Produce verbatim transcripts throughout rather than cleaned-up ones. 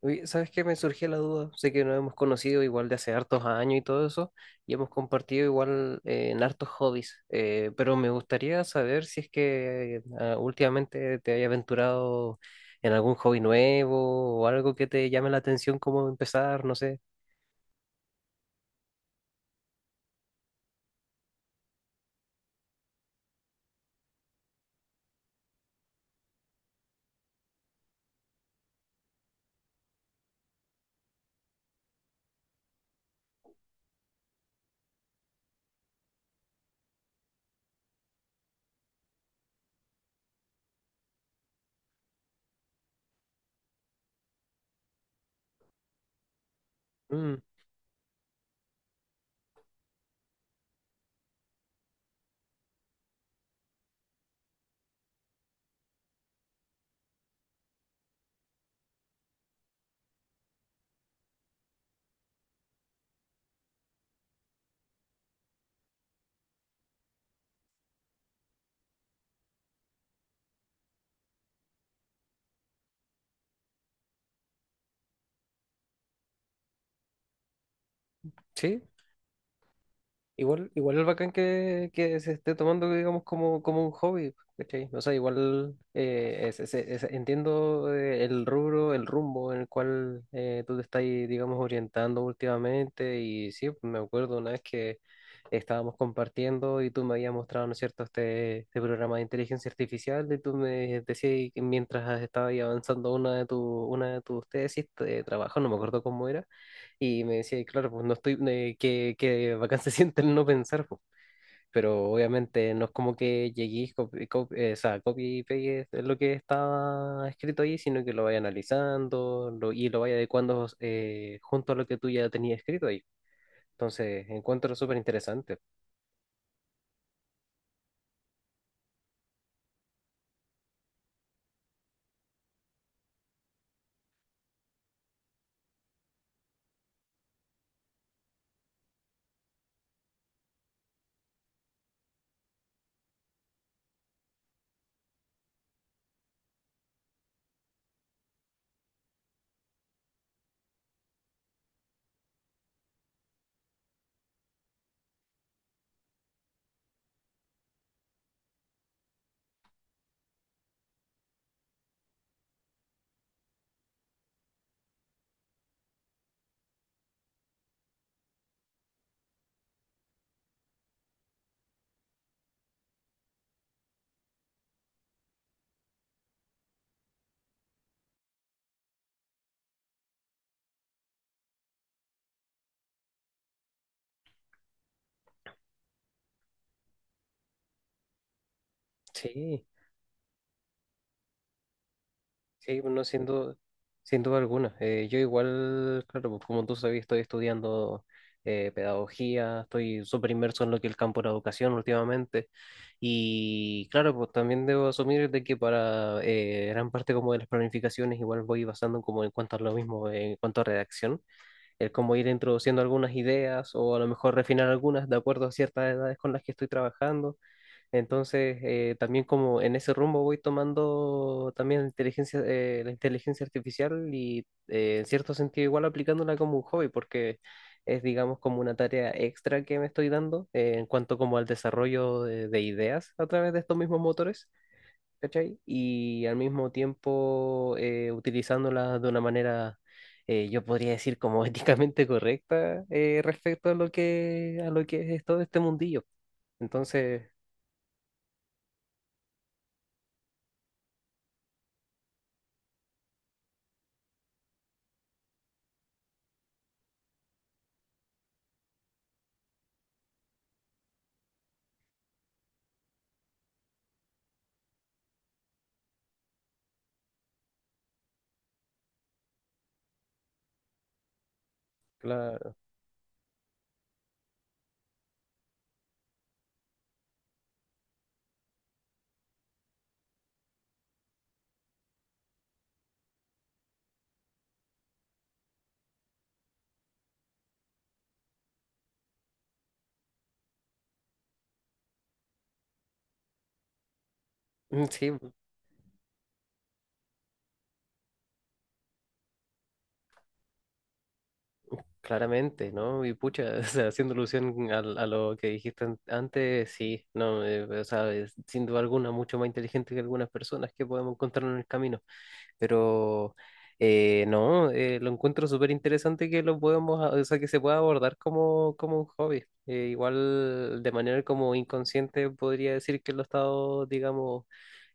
Oye, ¿sabes qué? Me surgió la duda. Sé que nos hemos conocido igual de hace hartos años y todo eso, y hemos compartido igual eh, en hartos hobbies, eh, pero me gustaría saber si es que ah, últimamente te hayas aventurado en algún hobby nuevo o algo que te llame la atención, cómo empezar, no sé. Mm, ¿sí? Igual, igual es bacán que, que se esté tomando, digamos, como, como un hobby, ¿cachai? O sea, igual eh, es- es- es- entiendo eh, el rubro, el rumbo en el cual eh, tú te estás, digamos, orientando últimamente. Y sí, me acuerdo una vez que estábamos compartiendo y tú me habías mostrado, ¿no es cierto?, este, este programa de inteligencia artificial y tú me decías que mientras estabas ahí avanzando una de, tu, una de tus tesis de trabajo, no me acuerdo cómo era y me decía, y claro, pues no estoy, eh, que, que bacán se siente el no pensar, pues. Pero obviamente no es como que lleguéis, copy, copy- eh, o sea, copy y pegues lo que estaba escrito ahí, sino que lo vaya analizando lo- y lo vaya adecuando eh, junto a lo que tú ya tenías escrito ahí. Entonces, encuentro súper interesante. Sí. Sí, bueno, sin duda, sin duda alguna. Eh, yo igual, claro, pues como tú sabes, estoy estudiando eh, pedagogía, estoy súper inmerso en lo que es el campo de la educación últimamente. Y claro, pues también debo asumir de que para eh, gran parte como de las planificaciones igual voy basando como en cuanto a lo mismo, eh, en cuanto a redacción, el cómo ir introduciendo algunas ideas o a lo mejor refinar algunas de acuerdo a ciertas edades con las que estoy trabajando. Entonces, eh, también como en ese rumbo voy tomando también inteligencia, eh, la inteligencia artificial y eh, en cierto sentido igual aplicándola como un hobby, porque es digamos como una tarea extra que me estoy dando eh, en cuanto como al desarrollo de, de ideas a través de estos mismos motores, ¿cachai? Y al mismo tiempo eh, utilizándola de una manera, eh, yo podría decir como éticamente correcta eh, respecto a lo que, a lo que es todo este mundillo. Entonces... La, mm, sí, mm, claramente, ¿no? Y pucha, o sea, haciendo alusión al- a lo que dijiste an- antes, sí, no, eh, o sea, es sin duda alguna mucho más inteligente que algunas personas que podemos encontrar en el camino. Pero eh, no, eh, lo encuentro súper interesante que lo podamos, a- o sea, que se pueda abordar como, como un hobby. Eh, igual de manera como inconsciente podría decir que lo he estado, digamos,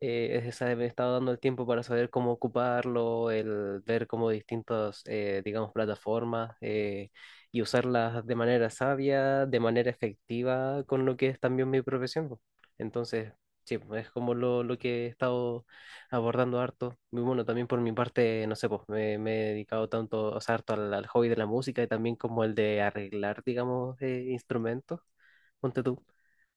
eh, es- esa- me he estado dando el tiempo para saber cómo ocuparlo, el ver como distintas, eh, digamos, plataformas eh, y usarlas de manera sabia, de manera efectiva con lo que es también mi profesión, po. Entonces, sí, es como lo, lo que he estado abordando harto. Y bueno, también por mi parte, no sé, pues me, me he dedicado tanto, o sea, harto al, al hobby de la música y también como el de arreglar, digamos, eh, instrumentos. Ponte tú.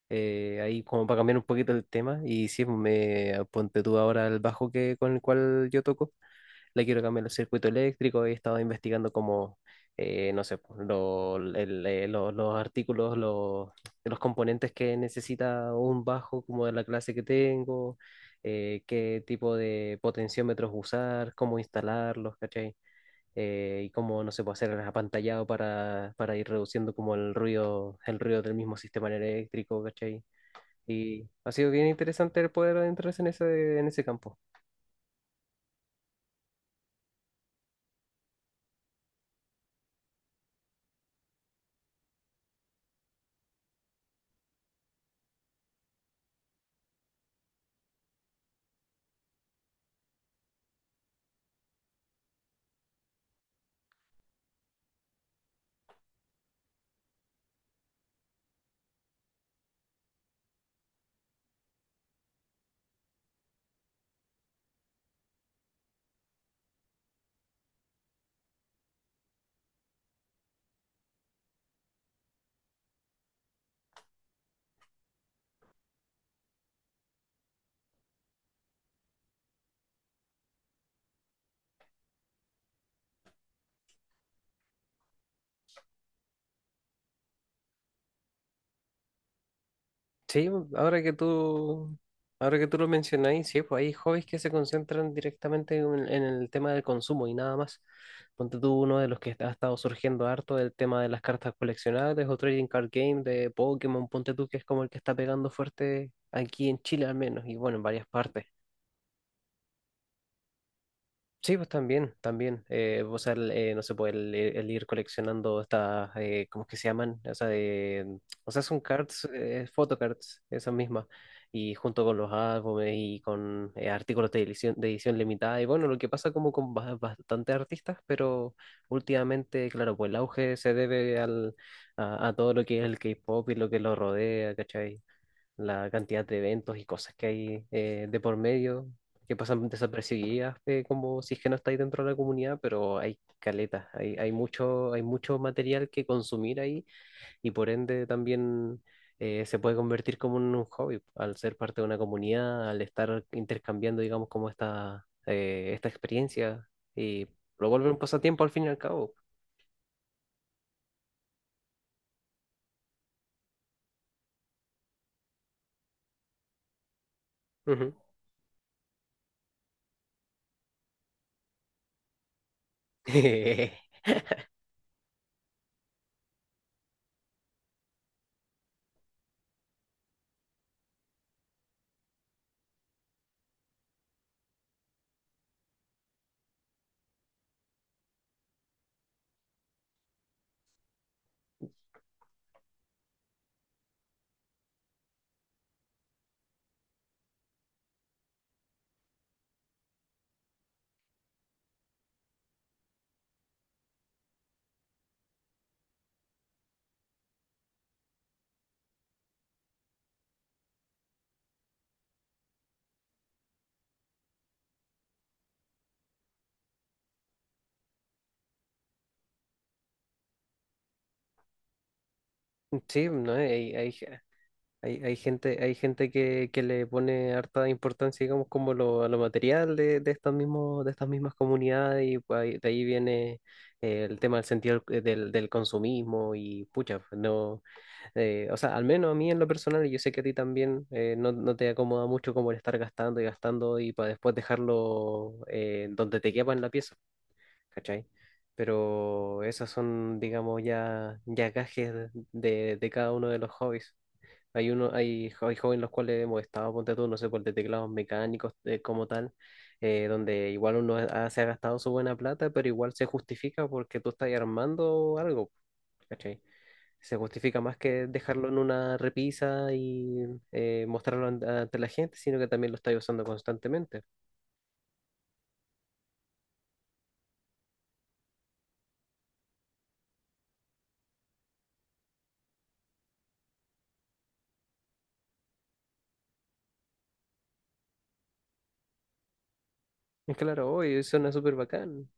eh, Ahí como para cambiar un poquito el tema y sí, pues, me ponte tú ahora el bajo que, con el cual yo toco le quiero cambiar el circuito eléctrico, he estado investigando como, eh, no sé, pues, lo- el- eh, lo- los artículos, lo- los componentes que necesita un bajo como de la clase que tengo, eh, qué tipo de potenciómetros usar, cómo instalarlos, ¿cachai? Eh, y cómo, no sé, puede hacer el apantallado para, para ir reduciendo como el ruido, el ruido del mismo sistema eléctrico, ¿cachai? Y ha sido bien interesante el poder adentrarse en ese, en ese campo. Sí, ahora que tú, ahora que tú lo mencionáis, sí, pues hay hobbies que se concentran directamente en, en el tema del consumo y nada más. Ponte tú uno de los que ha estado surgiendo harto, el tema de las cartas coleccionables o trading card game de Pokémon, ponte tú, que es como el que está pegando fuerte aquí en Chile al menos y bueno, en varias partes. Sí, pues también, también. Eh, o sea, el, eh, no se puede el, eh, el ir coleccionando estas, eh, ¿cómo es que se llaman? O sea, de, o sea, son cards, eh, photocards, esas mismas. Y junto con los álbumes y con eh, artículos de edición, de edición limitada. Y bueno, lo que pasa como con ba- bastantes artistas, pero últimamente, claro, pues el auge se debe al, a, a todo lo que es el K-pop y lo que lo rodea, ¿cachai? La cantidad de eventos y cosas que hay eh, de por medio, que pasan desapercibidas, eh, como si es que no estáis dentro de la comunidad, pero hay caletas, hay, hay mucho, hay mucho material que consumir ahí y por ende también eh, se puede convertir como en un hobby al ser parte de una comunidad, al estar intercambiando, digamos, como esta, eh, esta experiencia y lo vuelve un pasatiempo al fin y al cabo. Ujú. Sí, no, hay, hay, Hay, hay gente, hay gente que, que le pone harta importancia, digamos, como lo, a lo material de, de estos mismos, de estas mismas comunidades, y pues ahí- de ahí viene eh, el tema del sentido del, del- del consumismo, y pucha, pues, no, eh, o sea, al menos a mí en lo personal, y yo sé que a ti también, eh, no, no te acomoda mucho como el estar gastando y gastando, y para después dejarlo eh, donde te quepa en la pieza, ¿cachai? Pero esas son, digamos, ya, ya gajes de, de cada uno de los hobbies. Hay uno, hay, jo- hay jóvenes los cuales hemos estado, ponte tú, no sé, por de teclados mecánicos eh, como tal, eh, donde igual uno ha- se ha gastado su buena plata, pero igual se justifica porque tú estás armando algo, ¿cachai? Se justifica más que dejarlo en una repisa y eh, mostrarlo an- ante la gente, sino que también lo estás usando constantemente. Y claro, hoy suena súper bacán.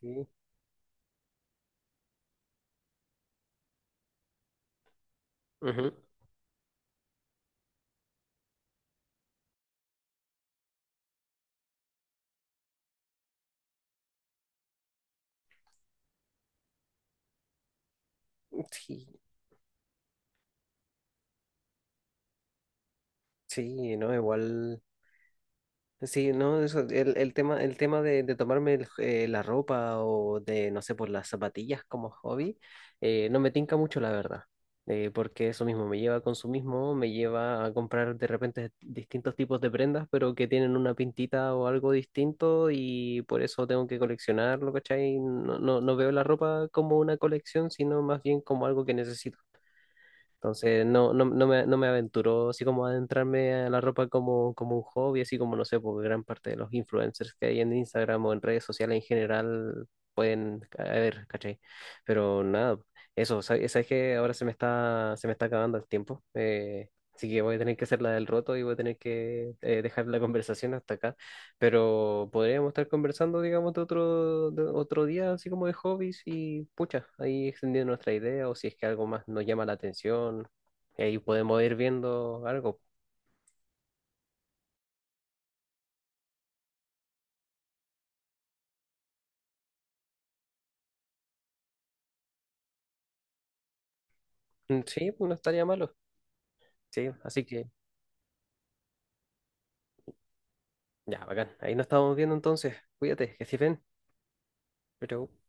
Sí. Ujú. Sí, sí, no, igual. Sí, no, eso, el, el tema, el tema de, de tomarme el- eh, la ropa o de, no sé, por las zapatillas como hobby, eh, no me tinca mucho, la verdad. Eh, porque eso mismo me lleva a consumismo, me lleva a comprar de repente distintos tipos de prendas, pero que tienen una pintita o algo distinto y por eso tengo que coleccionarlo, ¿cachai? No, no, no veo la ropa como una colección, sino más bien como algo que necesito. Entonces no, no, no me, no me aventuró así como a adentrarme a la ropa como, como un hobby, así como no sé, porque gran parte de los influencers que hay en Instagram o en redes sociales en general pueden ca- ver, ¿cachai? Pero nada, eso, ¿sabes, sabes que ahora se me está, se me está acabando el tiempo? Eh, así que voy a tener que hacer la del roto y voy a tener que eh, dejar la conversación hasta acá. Pero podríamos estar conversando, digamos, de otro, de otro día, así como de hobbies y pucha, ahí extendiendo nuestra idea o si es que algo más nos llama la atención, y ahí podemos ir viendo algo. Mm, sí, pues no estaría malo. Sí, así que ya, bacán. Ahí nos estamos viendo entonces. Cuídate, que estés bien. Chau, chau.